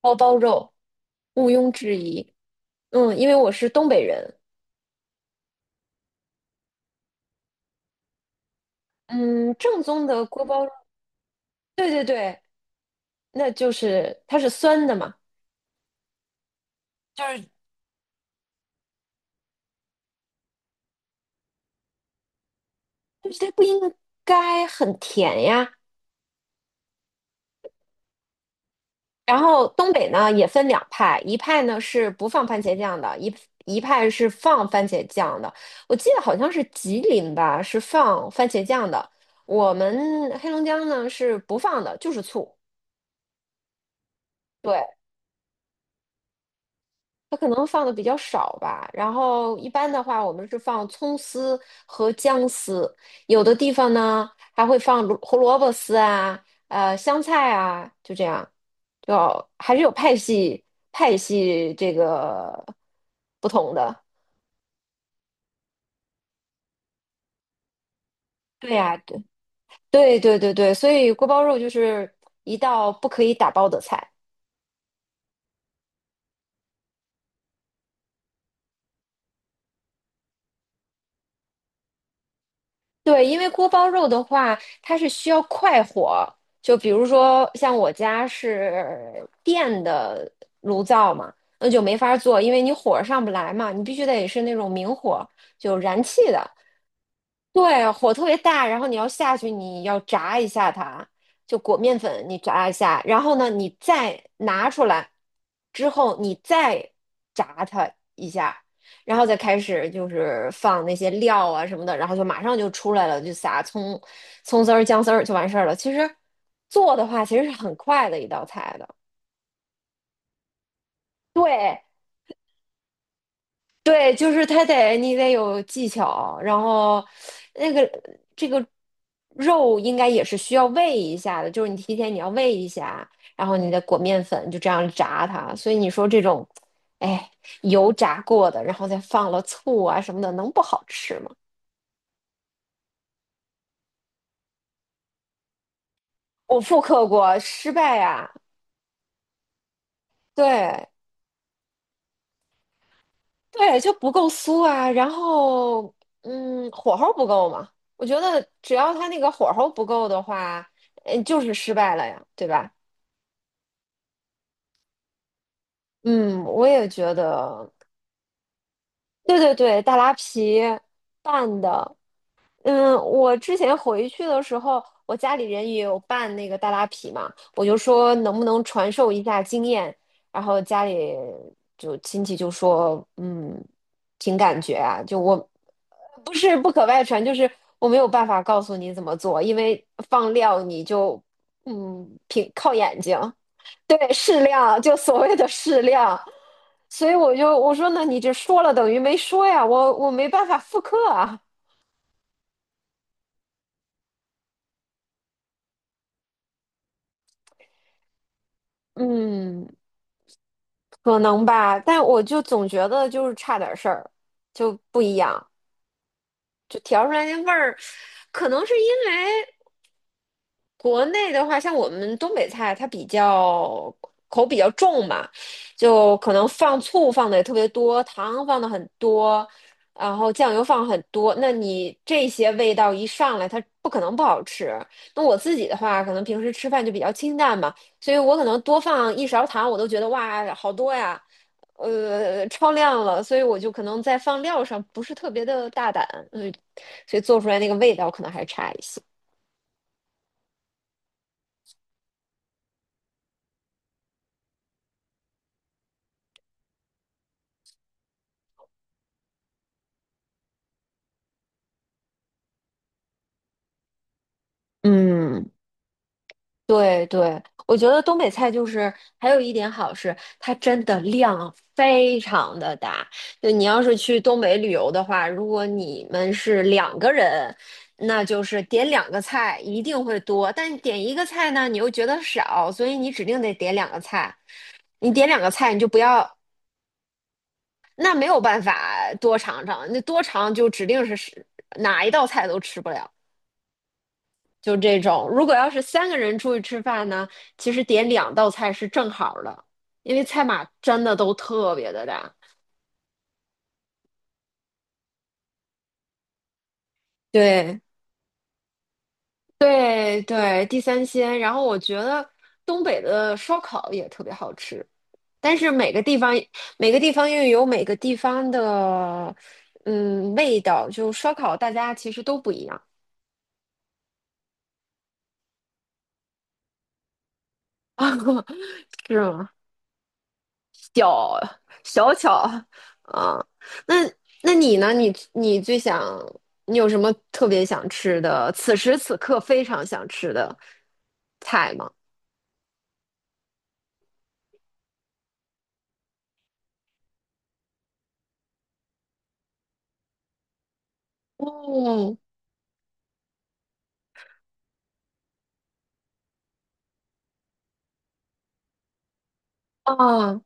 锅包肉，毋庸置疑。嗯，因为我是东北人，嗯，正宗的锅包肉对对对，那就是它是酸的嘛，就是就是它不应该很甜呀。然后东北呢也分两派，一派呢是不放番茄酱的，一派是放番茄酱的。我记得好像是吉林吧，是放番茄酱的。我们黑龙江呢是不放的，就是醋。对。它可能放的比较少吧，然后一般的话，我们是放葱丝和姜丝，有的地方呢还会放胡萝卜丝啊，香菜啊，就这样，就还是有派系派系这个不同的。对呀，对对对对对，所以锅包肉就是一道不可以打包的菜。对，因为锅包肉的话，它是需要快火。就比如说，像我家是电的炉灶嘛，那就没法儿做，因为你火儿上不来嘛，你必须得是那种明火，就燃气的。对，火特别大，然后你要下去，你要炸一下它，就裹面粉，你炸一下，然后呢，你再拿出来之后，你再炸它一下，然后再开始就是放那些料啊什么的，然后就马上就出来了，就撒葱、葱丝儿、姜丝儿就完事儿了。其实做的话，其实是很快的一道菜的。对对，就是它得你得有技巧，然后那个这个肉应该也是需要煨一下的，就是你提前你要煨一下，然后你再裹面粉，就这样炸它。所以你说这种，哎，油炸过的，然后再放了醋啊什么的，能不好吃吗？我复刻过，失败呀、对对，就不够酥啊，然后嗯，火候不够嘛，我觉得只要它那个火候不够的话，嗯，就是失败了呀，对吧？嗯，我也觉得，对对对，大拉皮拌的，嗯，我之前回去的时候，我家里人也有办那个大拉皮嘛，我就说能不能传授一下经验，然后家里就亲戚就说，嗯，凭感觉啊，就我不是不可外传，就是我没有办法告诉你怎么做，因为放料你就嗯凭靠眼睛，对，适量，就所谓的适量，所以我说那你这说了等于没说呀，我没办法复刻啊，嗯。可能吧，但我就总觉得就是差点事儿，就不一样，就调出来那味儿，可能是因为。国内的话，像我们东北菜，它比较口比较重嘛，就可能放醋放的也特别多，糖放的很多，然后酱油放很多。那你这些味道一上来，它不可能不好吃。那我自己的话，可能平时吃饭就比较清淡嘛，所以我可能多放一勺糖，我都觉得哇，好多呀，超量了。所以我就可能在放料上不是特别的大胆，嗯，所以做出来那个味道可能还差一些。嗯。对对，我觉得东北菜就是还有一点好是，它真的量非常的大。就你要是去东北旅游的话，如果你们是两个人，那就是点两个菜一定会多，但点一个菜呢，你又觉得少，所以你指定得点两个菜。你点两个菜，你就不要，那没有办法多尝尝，那多尝就指定是哪一道菜都吃不了。就这种。如果要是三个人出去吃饭呢，其实点两道菜是正好的，因为菜码真的都特别的大。对对对，地三鲜。然后我觉得东北的烧烤也特别好吃，但是每个地方每个地方又有每个地方的嗯味道，就烧烤大家其实都不一样。是吗？屌，小巧啊。那那你呢？你最想，你有什么特别想吃的，此时此刻非常想吃的菜吗？哦，哦，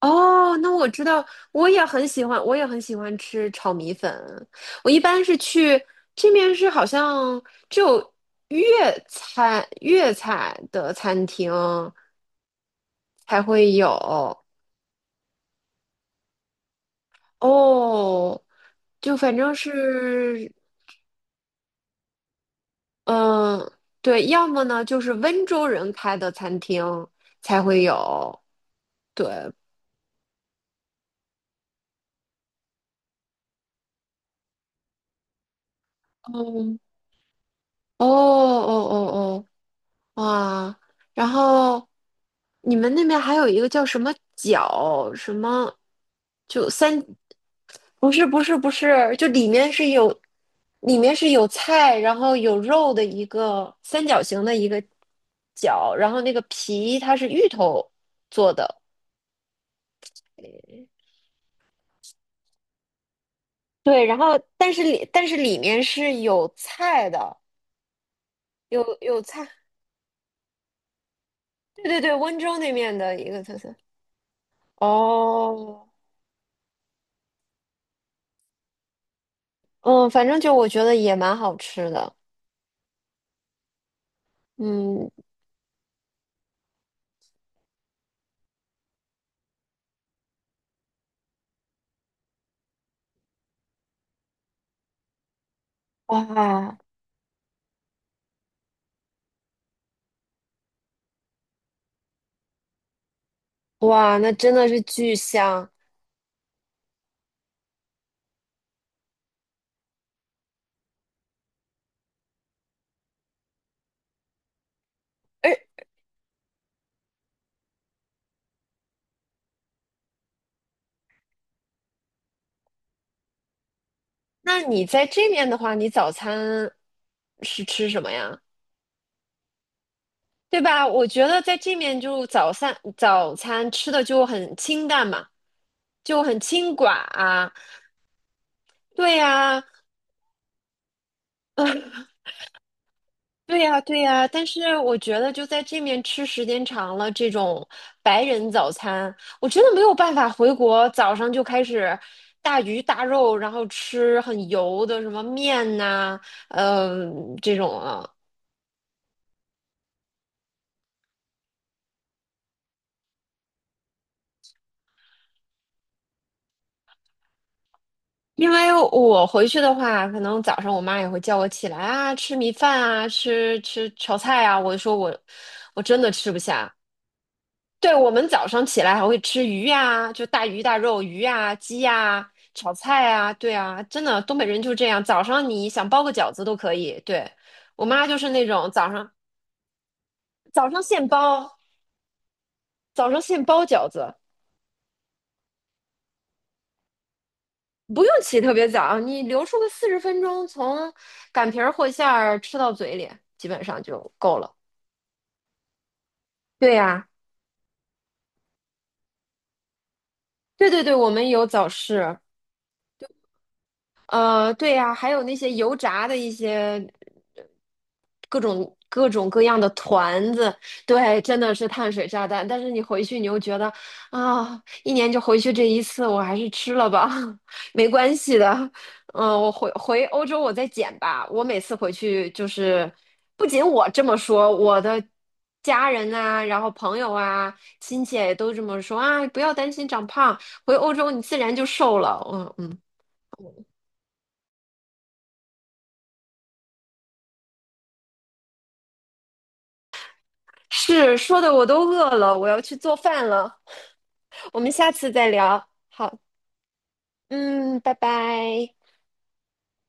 哦，那我知道，我也很喜欢，我也很喜欢吃炒米粉。我一般是去这边是好像只有粤菜粤菜的餐厅才会有哦，就反正是嗯，对，要么呢就是温州人开的餐厅才会有。对，嗯，哦哦哦哦，哇，然后你们那边还有一个叫什么饺什么，就三，不是，就里面是有，里面是有菜，然后有肉的一个三角形的一个饺，然后那个皮它是芋头做的。对，然后但是里面是有菜的，有有菜，对对对，温州那面的一个特色。哦，嗯，反正就我觉得也蛮好吃的。嗯，哇哇，那真的是巨香。而那你在这面的话，你早餐是吃什么呀？对吧？我觉得在这面就早餐吃的就很清淡嘛，就很清寡啊。对呀、对呀，对呀，但是我觉得就在这面吃时间长了，这种白人早餐，我真的没有办法回国早上就开始大鱼大肉，然后吃很油的什么面呐、呃这种啊。因为我回去的话，可能早上我妈也会叫我起来啊，吃米饭啊，吃炒菜啊，我就说我真的吃不下。对，我们早上起来还会吃鱼呀、就大鱼大肉、鱼呀、鸡呀、炒菜啊，对啊，真的，东北人就这样，早上你想包个饺子都可以。对，我妈就是那种早上现包，早上现包饺子，不用起特别早，你留出个40分钟，从擀皮儿和馅儿吃到嘴里，基本上就够了。对呀、对对对，我们有早市。对呀，还有那些油炸的一些各种各样的团子，对，真的是碳水炸弹。但是你回去，你又觉得啊，一年就回去这一次，我还是吃了吧，没关系的。嗯，我回欧洲我再减吧。我每次回去就是，不仅我这么说，我的家人啊，然后朋友啊、亲戚也都这么说啊，不要担心长胖，回欧洲你自然就瘦了。嗯嗯。是，说的我都饿了，我要去做饭了。我们下次再聊。好，嗯，拜拜。